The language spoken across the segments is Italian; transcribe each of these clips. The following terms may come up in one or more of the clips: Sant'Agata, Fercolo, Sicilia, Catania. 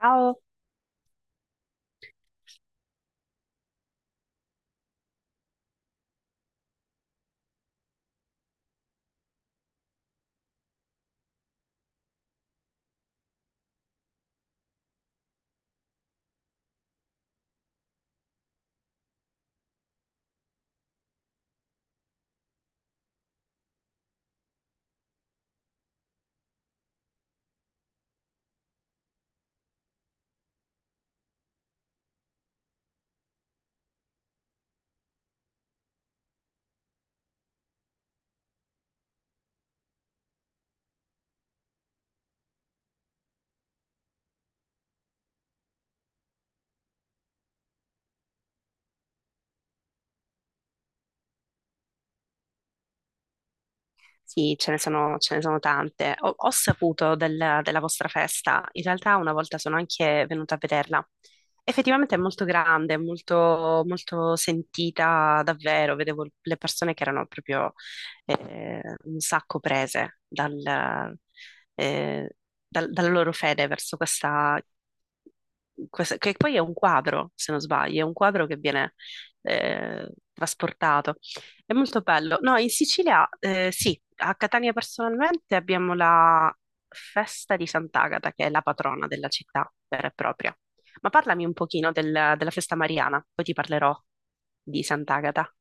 Ciao. Sì, ce ne sono tante. Ho saputo della vostra festa. In realtà una volta sono anche venuta a vederla. Effettivamente è molto grande, molto, molto sentita davvero. Vedevo le persone che erano proprio un sacco prese eh, dalla loro fede verso che poi è un quadro, se non sbaglio, è un quadro che viene trasportato. È molto bello. No, in Sicilia, sì, a Catania personalmente abbiamo la festa di Sant'Agata, che è la patrona della città vera e propria. Ma parlami un pochino della festa mariana, poi ti parlerò di Sant'Agata.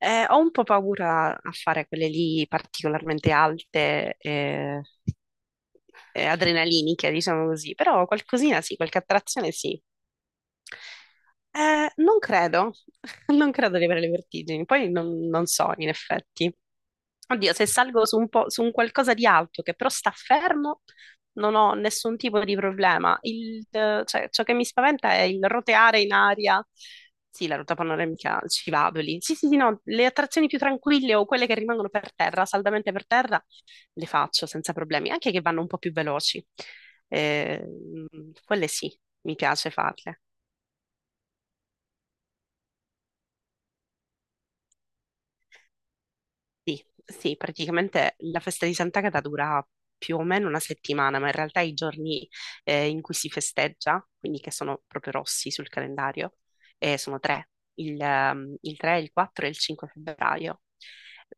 Ho un po' paura a fare quelle lì particolarmente alte e adrenaliniche, diciamo così, però qualcosina sì, qualche attrazione sì. Non credo, non credo di avere le vertigini, poi non so in effetti. Oddio, se salgo su un po', su un qualcosa di alto che però sta fermo, non ho nessun tipo di problema. Cioè, ciò che mi spaventa è il roteare in aria. Sì, la ruota panoramica ci vado lì. Sì, sì, sì, no, le attrazioni più tranquille o quelle che rimangono per terra, saldamente per terra, le faccio senza problemi, anche che vanno un po' più veloci. Eh, quelle sì, mi piace farle. Sì, sì, praticamente la festa di Sant'Agata dura più o meno una settimana, ma in realtà i giorni in cui si festeggia, quindi che sono proprio rossi sul calendario, sono tre, il 3, il 4 e il 5 febbraio.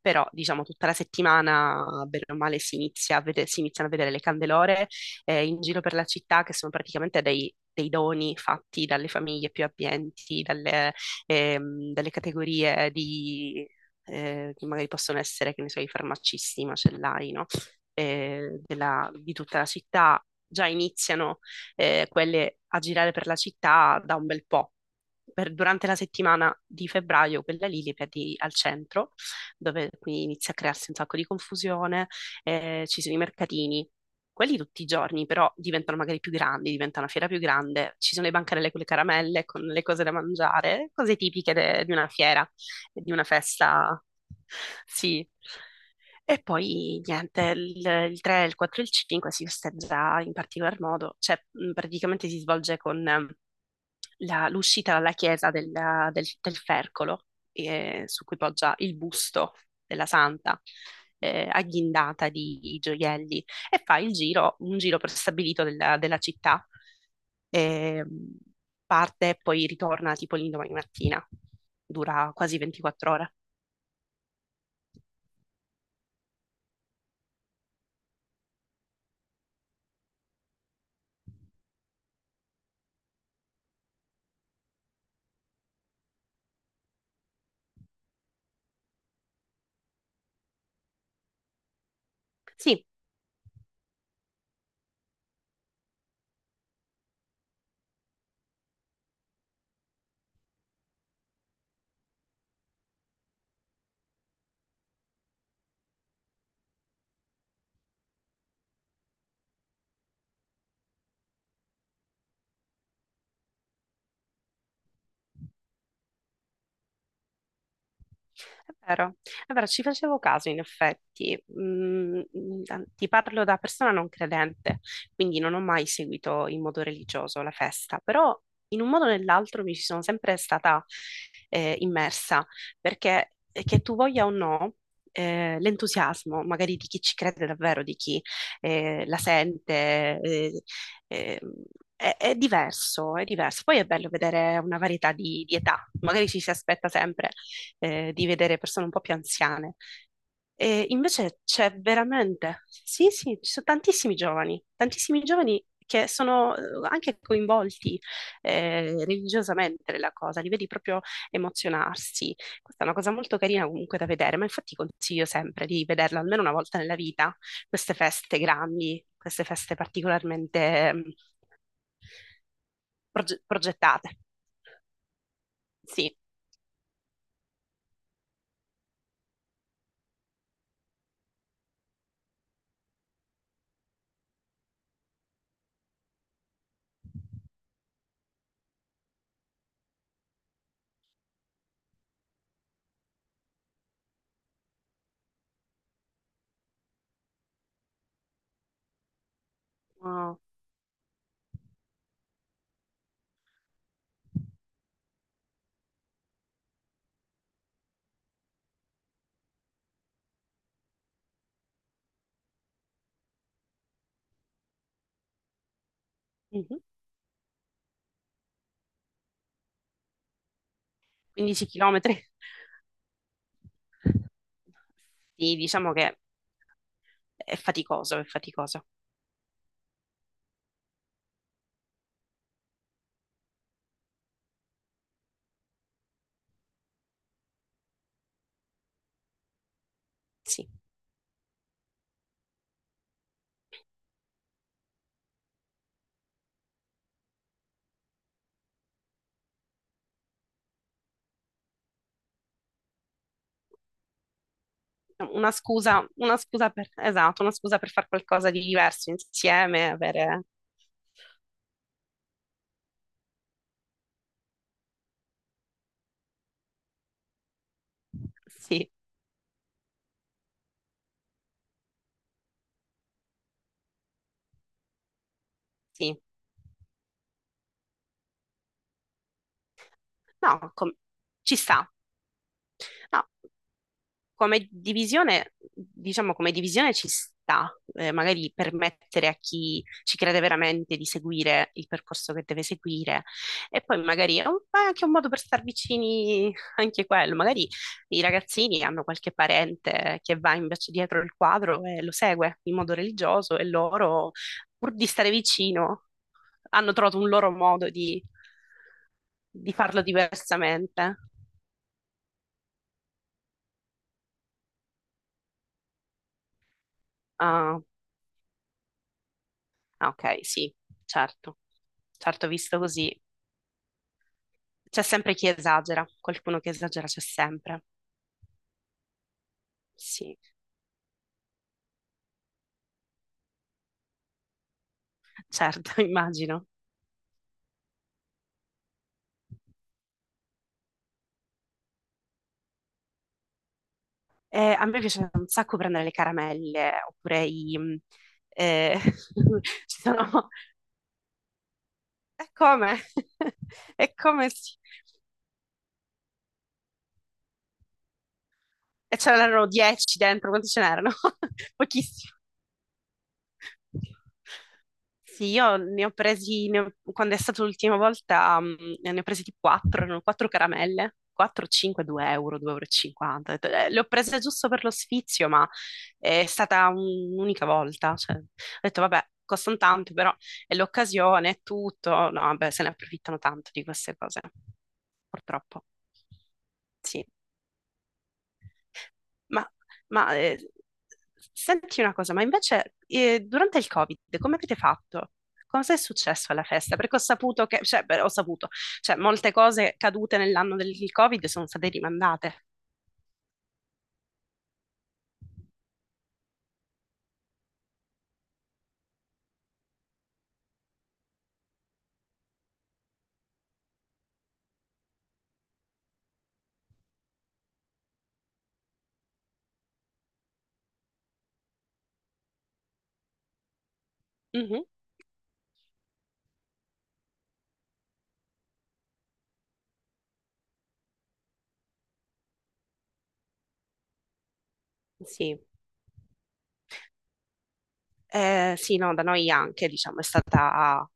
Però, diciamo, tutta la settimana, bene o male, si iniziano a vedere le candelore in giro per la città, che sono praticamente dei doni fatti dalle famiglie più abbienti, dalle categorie che magari possono essere, che ne so, i farmacisti, i macellai, no? Di tutta la città, già iniziano quelle a girare per la città da un bel po'. Durante la settimana di febbraio, quella lì li vedi al centro, dove quindi inizia a crearsi un sacco di confusione, ci sono i mercatini. Quelli tutti i giorni, però diventano magari più grandi, diventa una fiera più grande. Ci sono le bancarelle con le caramelle, con le cose da mangiare, cose tipiche di una fiera di una festa. Sì. E poi niente, il 3, il 4 e il 5 si festeggia in particolar modo, cioè praticamente si svolge con l'uscita dalla chiesa del Fercolo, su cui poggia il busto della Santa, agghindata di gioielli, e fa il giro, un giro prestabilito della città. Ehm, parte e poi ritorna tipo l'indomani mattina. Dura quasi 24 ore. Sì, è vero, è vero, ci facevo caso in effetti. Ti parlo da persona non credente, quindi non ho mai seguito in modo religioso la festa, però in un modo o nell'altro mi ci sono sempre stata immersa, perché che tu voglia o no, l'entusiasmo magari di chi ci crede davvero, di chi la sente, eh, eh, è diverso, è diverso. Poi è bello vedere una varietà di età, magari ci si aspetta sempre di vedere persone un po' più anziane. E invece c'è veramente, sì, sì, ci sono tantissimi giovani che sono anche coinvolti religiosamente nella cosa, li vedi proprio emozionarsi. Questa è una cosa molto carina comunque da vedere, ma infatti consiglio sempre di vederla almeno una volta nella vita, queste feste grandi, queste feste particolarmente progettate. Sì, mhm. 15 km. Sì, diciamo che è faticoso, è faticoso. Sì, no, una scusa per, esatto, una scusa per fare qualcosa di diverso insieme, avere... Sì, sì. No, ci sta. No. Come divisione, diciamo come divisione ci sta, magari permettere a chi ci crede veramente di seguire il percorso che deve seguire e poi magari è anche un modo per star vicini anche quello, magari i ragazzini hanno qualche parente che va invece dietro il quadro e lo segue in modo religioso e loro, pur di stare vicino, hanno trovato un loro modo di farlo diversamente. Ah, ah, ok, sì, certo. Certo, visto così. C'è sempre chi esagera, qualcuno che esagera c'è sempre. Sì, certo, immagino. A me piace un sacco prendere le caramelle, oppure eh, ci sono... E come? E come si... E ce n'erano 10 dentro, quanti ce n'erano? Pochissimi. Sì, io ne ho presi, quando è stata l'ultima volta, ne ho presi tipo 4, erano 4 caramelle, 4, 5, 2 euro, 2,50 euro, e cinquanta. Ho detto, le ho prese giusto per lo sfizio, ma è stata un'unica volta. Cioè, ho detto, vabbè, costano tanto, però è l'occasione, è tutto. No, vabbè, se ne approfittano tanto di queste cose, purtroppo. Sì. Ma, ma, eh, senti una cosa, ma invece durante il Covid come avete fatto? Cosa è successo alla festa? Perché ho saputo che, cioè, beh, ho saputo, cioè, molte cose cadute nell'anno del Covid sono state rimandate. Mhm, sì. Sì, no, da noi anche, diciamo, è stata,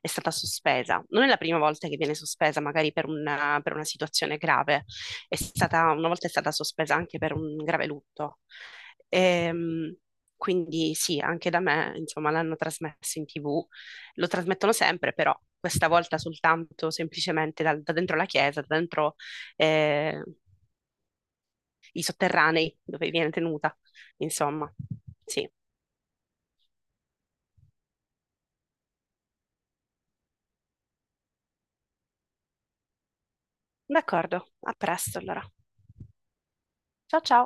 è stata sospesa. Non è la prima volta che viene sospesa, magari per una situazione grave. Una volta è stata sospesa anche per un grave lutto. Ehm, quindi sì, anche da me, insomma, l'hanno trasmesso in TV. Lo trasmettono sempre, però questa volta soltanto semplicemente dentro la chiesa, da dentro eh, i sotterranei dove viene tenuta, insomma. Sì, d'accordo, a presto allora. Ciao ciao!